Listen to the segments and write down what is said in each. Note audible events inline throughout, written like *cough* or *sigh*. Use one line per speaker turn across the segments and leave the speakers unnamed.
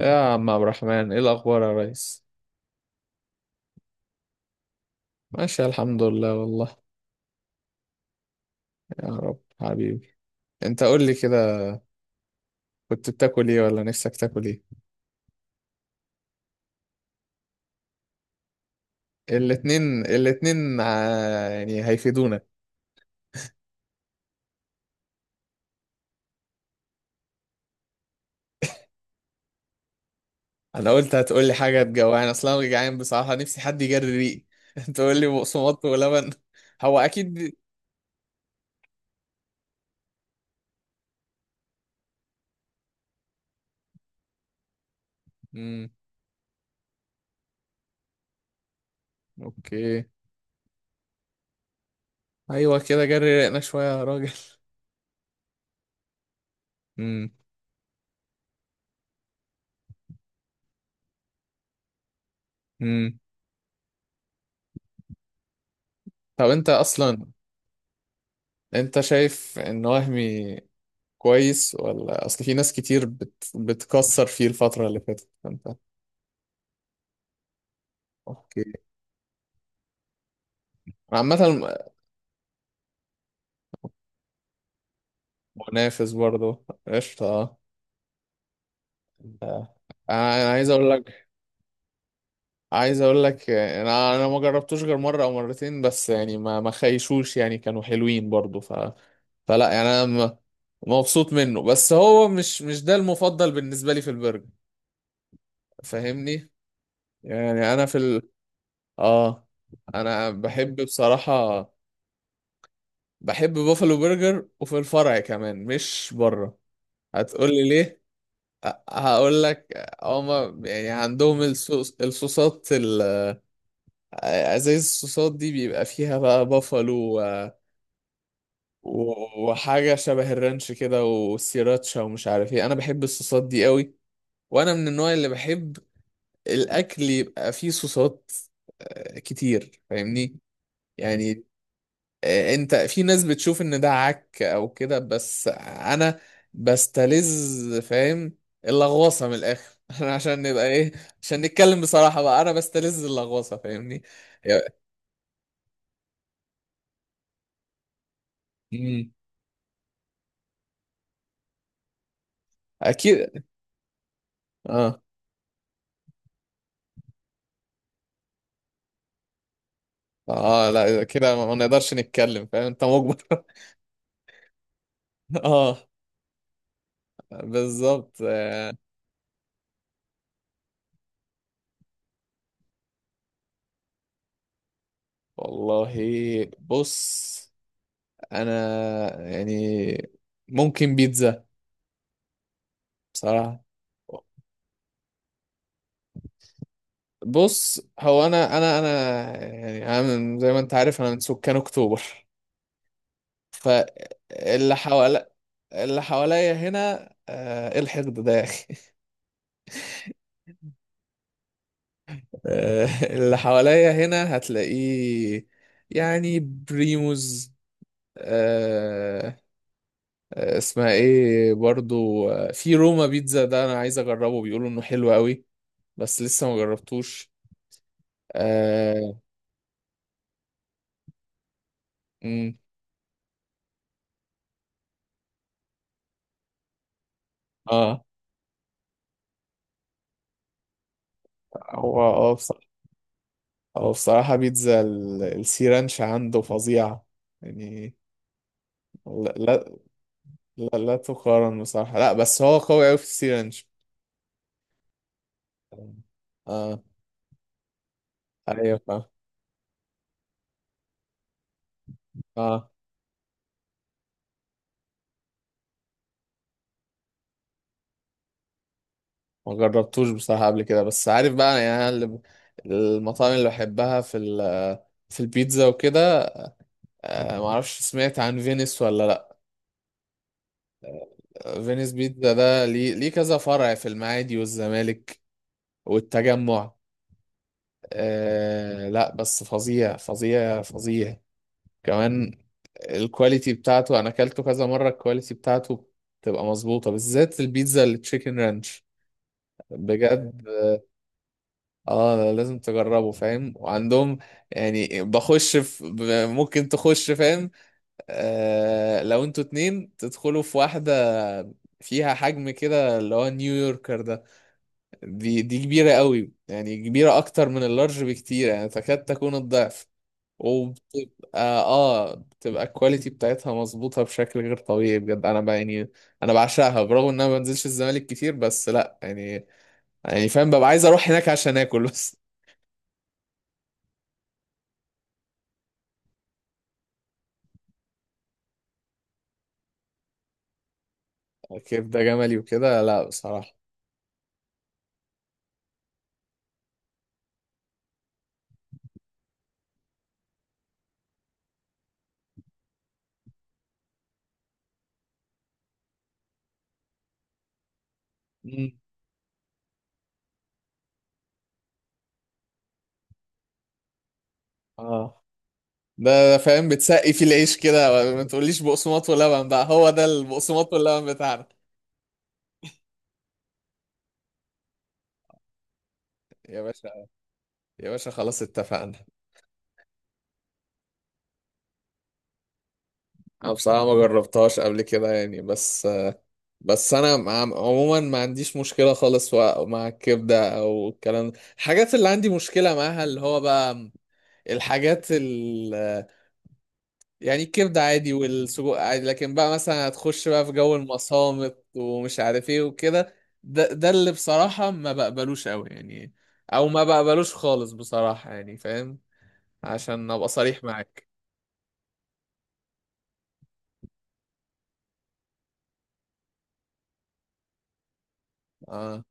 يا عم عبد الرحمن، ايه الاخبار يا ريس؟ ماشي، الحمد لله والله. يا رب حبيبي. انت قول لي كده، كنت بتاكل ايه ولا نفسك تاكل ايه؟ الاتنين الاتنين، يعني هيفيدونا. انا قلت هتقول لي حاجه تجوعني، اصلا انا جعان بصراحه، نفسي حد يجري ريقي. *laughs* انت تقول لي بقسماط ولبن؟ هو اكيد. امم اوكي. ايوه كده، جري ريقنا شويه يا راجل. امم. امم. طب انت اصلا، انت شايف ان وهمي كويس، ولا اصل في ناس كتير بتكسر فيه الفترة اللي فاتت؟ انت اوكي. أنا عامة منافس برضه، قشطة. آه. آه، انا عايز اقول لك، آه، انا ما جربتوش غير مرة او مرتين بس، يعني ما خيشوش يعني، كانوا حلوين برضه. فلا يعني انا مبسوط منه، بس هو مش ده المفضل بالنسبة لي في البرجر، فاهمني. يعني انا في اه، انا بحب بصراحة، بحب بوفالو برجر، وفي الفرع كمان مش بره. هتقولي ليه؟ أ- هقول لك، هما يعني عندهم الصوصات ازايز الصوصات دي بيبقى فيها بقى بافالو، و- وحاجة شبه الرانش كده، والسيراتشا، ومش عارف ايه، انا بحب الصوصات دي قوي. وانا من النوع اللي بحب الاكل يبقى فيه صوصات آه، كتير، فاهمني يعني. آه، انت في ناس بتشوف ان ده عك او كده، بس انا بستلذ، فاهم، اللغوصه من الاخر. *laughs* انا عشان نبقى ايه، عشان نتكلم بصراحه بقى، انا بستلذ اللغوصه، فاهمني. يا- مم. اكيد. اه. اه لا، إذا كده ما نقدرش نتكلم، فاهم انت مجبر. *laughs* اه، بالظبط آه. والله، بص، انا يعني ممكن بيتزا بصراحه. بص هو انا يعني انا زي ما انت عارف انا من سكان اكتوبر، فاللي حوالي، اللي حواليا هنا آه، ايه الحقد ده يا اخي؟ *laughs* آه، اللي حواليا هنا هتلاقيه، يعني بريموز، آه، آه، اسمها ايه برضو، آه، في روما بيتزا ده انا عايز اجربه، بيقولوا انه حلو قوي، بس لسه ما جربتوش. اه. مم. آه. هو اه، هو بصراحة بيتزا السي رانش عنده فظيعة، يعني. لا، لا. لا، لا تقارن بصراحة، لا بس هو قوي أوي في السي رانش. اه. أيوة، فاهم. اه، ما جربتوش بصراحة قبل كده، بس عارف بقى يعني أنا اللي المطاعم اللي بحبها في ال، في البيتزا وكده، آه معرفش، سمعت عن فينيس ولا لأ؟ فينيس بيتزا ده ليه كذا فرع في المعادي والزمالك والتجمع، آه لا بس فظيع فظيع فظيع كمان. الكواليتي بتاعته انا اكلته كذا مره، الكواليتي بتاعته بتبقى مظبوطه، بالذات البيتزا التشيكن رانش، بجد. اه لازم تجربه، فاهم، وعندهم يعني بخش في ممكن تخش، فاهم، آه لو انتوا اتنين تدخلوا في واحده، فيها حجم كده اللي هو نيويوركر ده، دي كبيره قوي، يعني كبيره اكتر من اللارج بكتير، يعني تكاد تكون الضعف، وبتبقى اه بتبقى الكواليتي بتاعتها مظبوطة بشكل غير طبيعي بجد. انا بقى يعني، انا بعشقها برغم ان انا ما بنزلش الزمالك كتير، بس لا يعني، يعني فاهم، ببقى عايز اروح هناك عشان اكل بس. *laughs* كبدة جملي وكده؟ لا بصراحة. مم. اه، ده ده فاهم، بتسقي فيه العيش كده، ما تقوليش بقسماط ولبن بقى، هو ده البقسماط واللبن بتاعنا. يا باشا، يا باشا، خلاص اتفقنا. انا بصراحة ما جربتهاش قبل كده يعني، بس، بس انا عموما ما عنديش مشكله خالص مع الكبده او الكلام ده، الحاجات اللي عندي مشكله معاها اللي هو بقى، الحاجات ال، يعني الكبده عادي والسجق عادي، لكن بقى مثلا هتخش بقى في جو المصامت ومش عارف ايه وكده، ده اللي بصراحه ما بقبلوش قوي يعني، او ما بقبلوش خالص بصراحه يعني، فاهم، عشان ابقى صريح معاك. اه.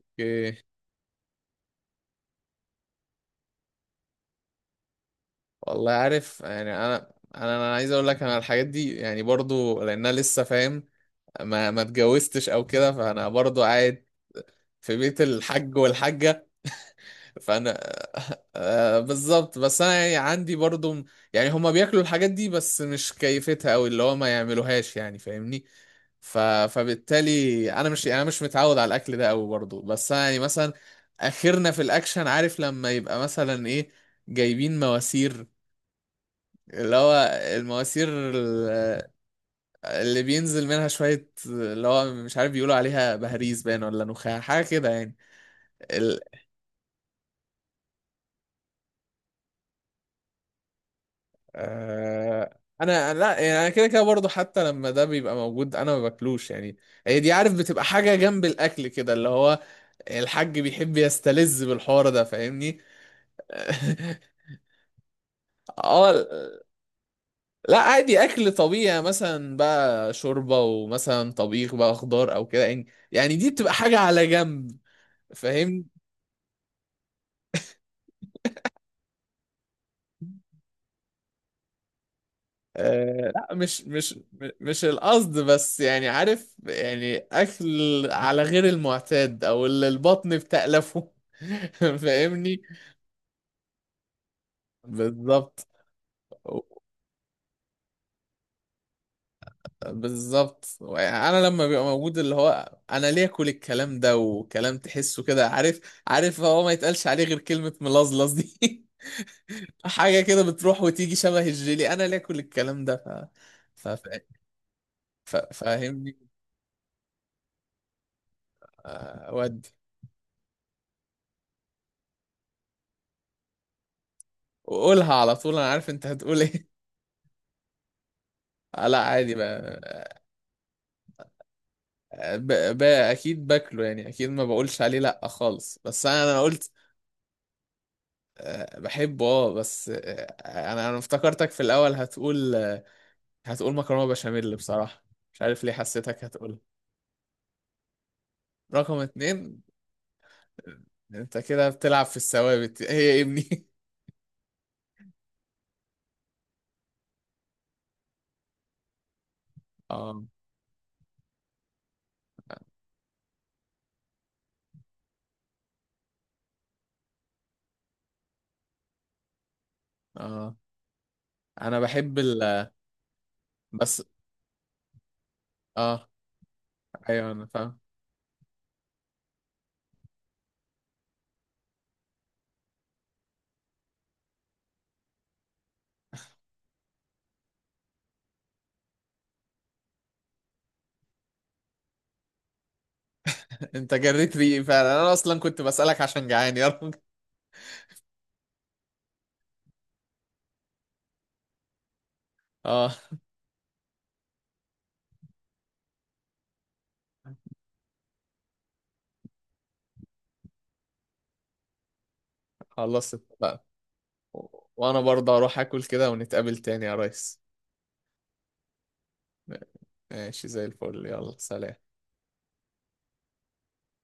اوكي. والله عارف يعني، انا، انا عايز اقول لك، انا الحاجات دي يعني برضو لانها لسه فاهم، ما اتجوزتش او كده، فانا برضو قاعد في بيت الحج والحجة، فانا *laughs* آه بالظبط، بس انا يعني عندي برضو يعني هما بياكلوا الحاجات دي بس مش كيفتها، او اللي هو ما يعملوهاش يعني، فاهمني، ف... فبالتالي انا مش يعني، انا مش متعود على الاكل ده قوي برضو، بس انا يعني مثلا اخرنا في الاكشن، عارف، لما يبقى مثلا ايه، جايبين مواسير، اللي هو المواسير اللي بينزل منها شوية، اللي هو مش عارف، بيقولوا عليها بهاريز باين، ولا نخاع حاجة كده يعني، ال... أنا لا يعني، أنا كده كده برضه، حتى لما ده بيبقى موجود أنا ما باكلوش يعني، هي دي عارف بتبقى حاجة جنب الأكل كده، اللي هو الحاج بيحب يستلذ بالحوار ده، فاهمني. *laughs* اه لا، عادي اكل طبيعي، يعني مثلا بقى شوربه، ومثلا طبيخ بقى خضار او كده يعني دي بتبقى حاجه على جنب، فاهمني. آه لا، مش القصد، بس يعني عارف، يعني اكل على غير المعتاد، او اللي البطن بتألفه. *laughs* فاهمني، بالظبط. بالظبط، انا لما بيبقى موجود اللي هو، انا ليه اكل الكلام ده، وكلام تحسه كده، عارف، عارف هو ما يتقالش عليه غير كلمة ملظلظ دي. *laughs* حاجة كده بتروح وتيجي شبه الجيلي، انا ليه اكل الكلام ده؟ ف... ف... فاهمني. آه، ودي، وقولها على طول، انا عارف انت هتقول ايه. آه، لا عادي بقى، آه، اكيد باكله يعني، اكيد ما بقولش عليه لا خالص، بس انا قلت آه، بحبه، اه، بس آه، انا افتكرتك في الاول هتقول آه، هتقول مكرونه بشاميل بصراحه، مش عارف ليه حسيتك هتقول رقم اتنين. انت كده بتلعب في الثوابت، *laughs* هي يا ابني. *laughs* اه. اه، انا بحب ال، بس، اه، ايوه انا فاهم. *laughs* انت جريت ريقي فعلا، انا اصلا كنت بسألك عشان جعان يا راجل. *laughs* اه، خلصت، و- وانا برضه اروح اكل كده ونتقابل تاني يا ريس. ماشي، زي الفل، يلا سلام.